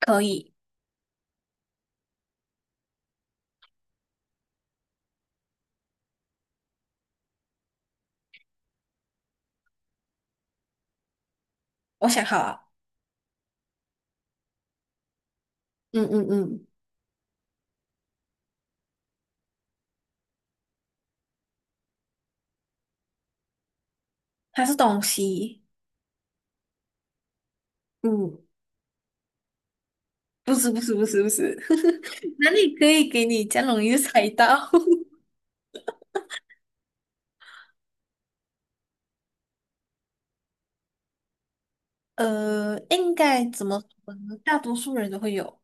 可以，我想好了，嗯嗯嗯它是东西，嗯，不是不是不是不是，哪里可以给你这样容易就猜到？应该怎么说呢？大多数人都会有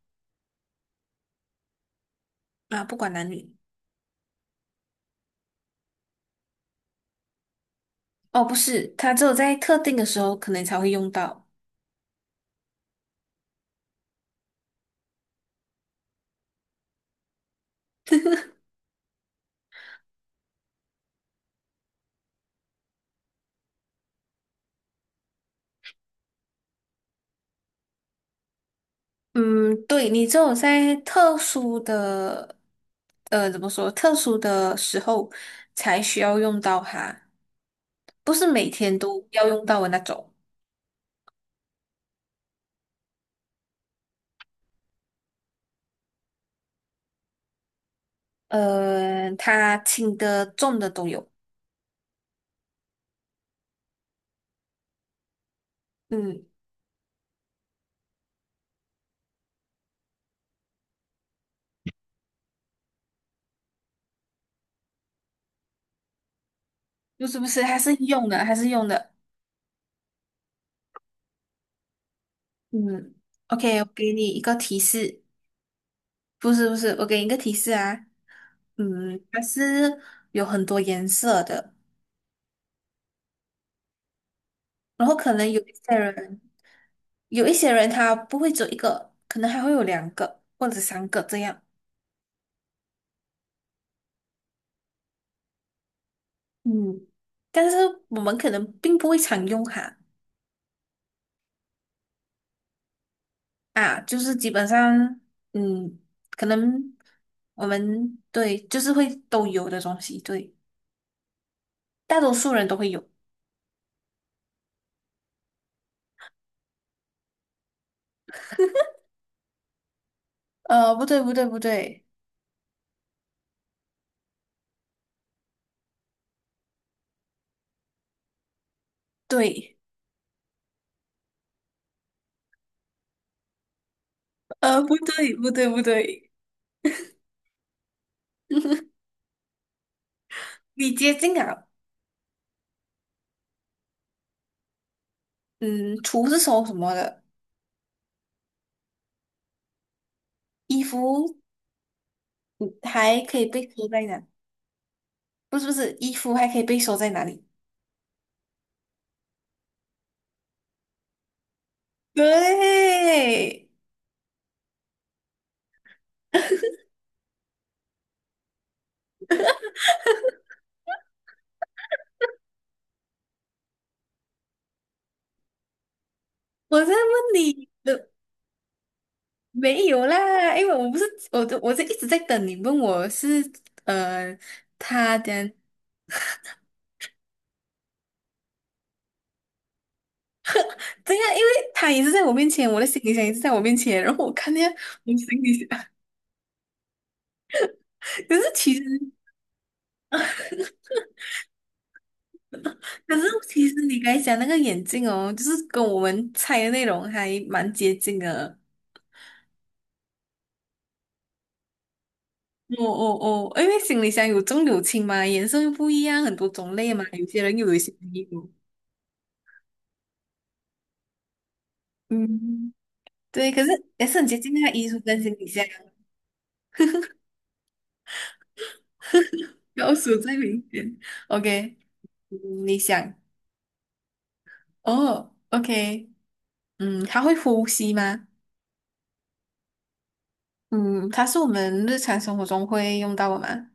啊，不管男女。哦，不是，它只有在特定的时候可能才会用到。嗯，对，你只有在特殊的，怎么说？特殊的时候才需要用到它，不是每天都要用到的那种。它轻的、重的都有。嗯，不是不是，还是用的，还是用的。嗯，OK，我给你一个提示，不是不是，我给你一个提示啊。嗯，它是有很多颜色的，然后可能有一些人，有一些人他不会只有一个，可能还会有两个或者三个这样。嗯，但是我们可能并不会常用它。啊，就是基本上，嗯，可能我们对，就是会都有的东西，对，大多数人都会有。不对，不对，不对，对，不对，不对，不对，你接近啊，嗯，厨是收什么的？衣服还可以被收在哪？不是，不是，衣服还可以被收在哪里？对，我在问你，的。没有啦，因为我不是我都我是一直在等你问我是呃他的对呀，因为他也是在我面前，我的行李箱也是在我面前，然后我看见我的行李箱，可是其实可是你刚才讲那个眼镜哦，就是跟我们猜的内容还蛮接近的。哦哦哦，因为行李箱有重有轻嘛，颜色又不一样，很多种类嘛，有些人又有一些衣服。嗯，对，可是也是很接近那个衣橱跟行李箱，要数再明显。OK，嗯你想，哦，OK，嗯，它会呼吸吗？嗯，它是我们日常生活中会用到的吗？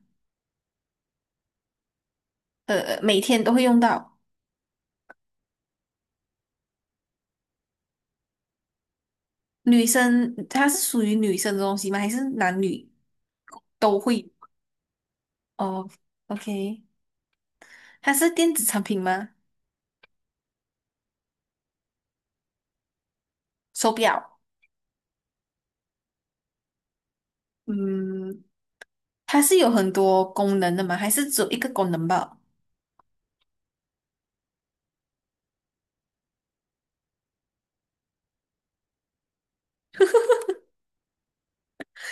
每天都会用到。女生，它是属于女生的东西吗？还是男女都会？哦，OK，它是电子产品吗？手表，嗯，它是有很多功能的吗？还是只有一个功能吧？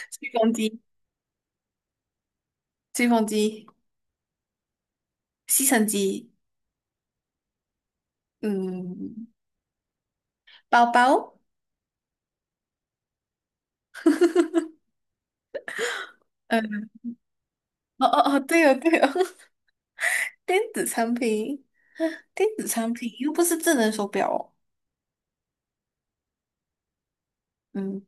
吹风机，吹风机，吸尘机，嗯，包包，嗯，哦哦哦，对哦对哦，电子产品，电子产品又不是智能手表哦，嗯，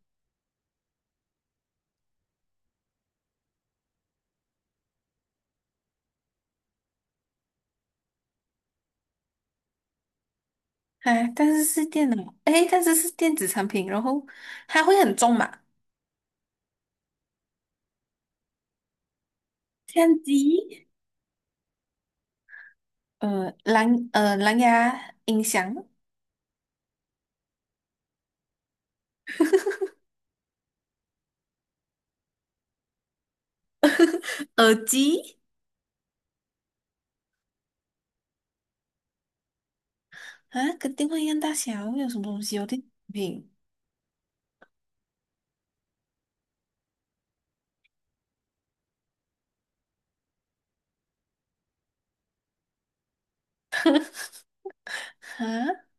哎，但是是电脑，哎，但是是电子产品，然后它会很重嘛？相机，蓝牙音响，耳机啊，跟电话一样大小，有什么东西哦？电子产品啊，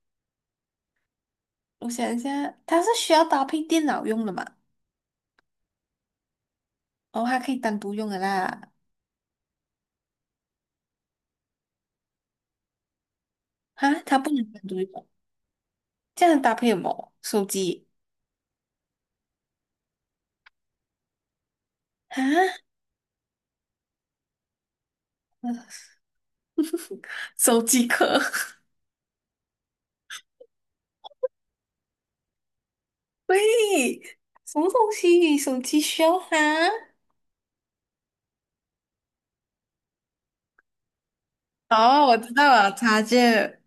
我想一下，它是需要搭配电脑用的嘛？哦，它可以单独用的啦，啊，它不能单独用，这样搭配什么？手机啊，手机壳。喂，什么东西？手机需要它？哦，我知道了，插件。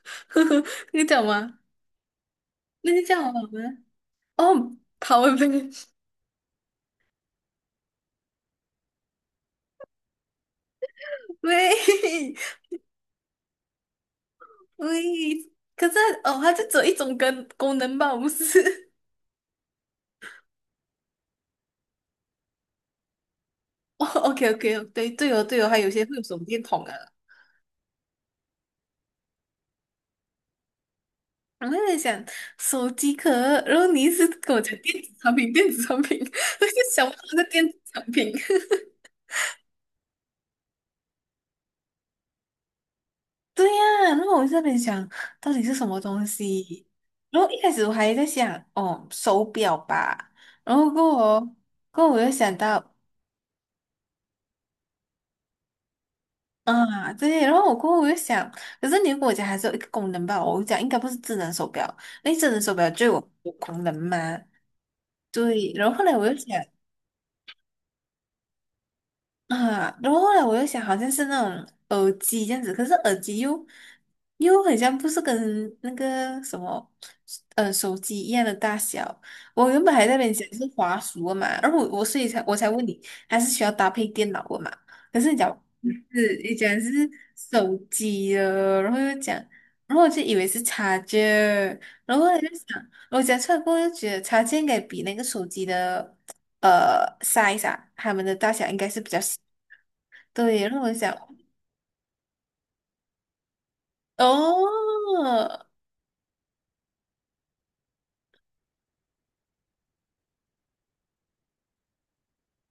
呵呵，那个叫什么？那个叫什么？哦，Power bank，喂喂，可是哦，它就只有一种跟功能吧，不是？哦，OK OK，对对哦对哦，还有些会有手电筒啊。我在想手机壳，然后你一直跟我讲电子产品，电子产品，我就想不到那个电子产品。对呀，然后我就在那边想，到底是什么东西？然后一开始我还在想，哦，手表吧。然后过后，我又想到，啊，对。然后我过后我又想，可是你如果我家还是有一个功能吧，我讲应该不是智能手表，因为智能手表就有功能吗？对。然后后来我又想，啊，然后后来我又想，好像是那种耳机这样子，可是耳机又很像不是跟那个什么手机一样的大小。我原本还在那边想是华硕的嘛，然后我所以才我才问你，还是需要搭配电脑的嘛？可是你讲不是，你讲是手机的，然后又讲，然后我就以为是插件，然后我就想，我讲出来过后就觉得插件应该比那个手机的。Size 啊，它们的大小应该是比较小对，让我想，哦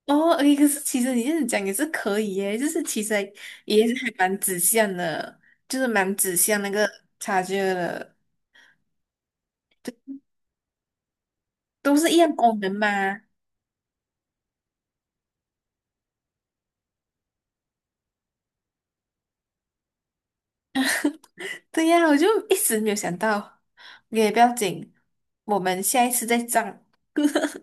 哦，诶，可是其实你这样讲也是可以耶，就是其实还也是还蛮指向的，就是蛮指向那个察觉的，都是一样功能嘛。对呀，我就一时没有想到，也不要紧，我们下一次再涨。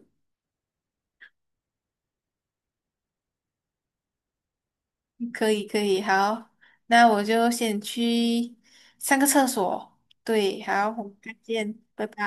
可以可以，好，那我就先去上个厕所。对，好，我们再见，拜拜。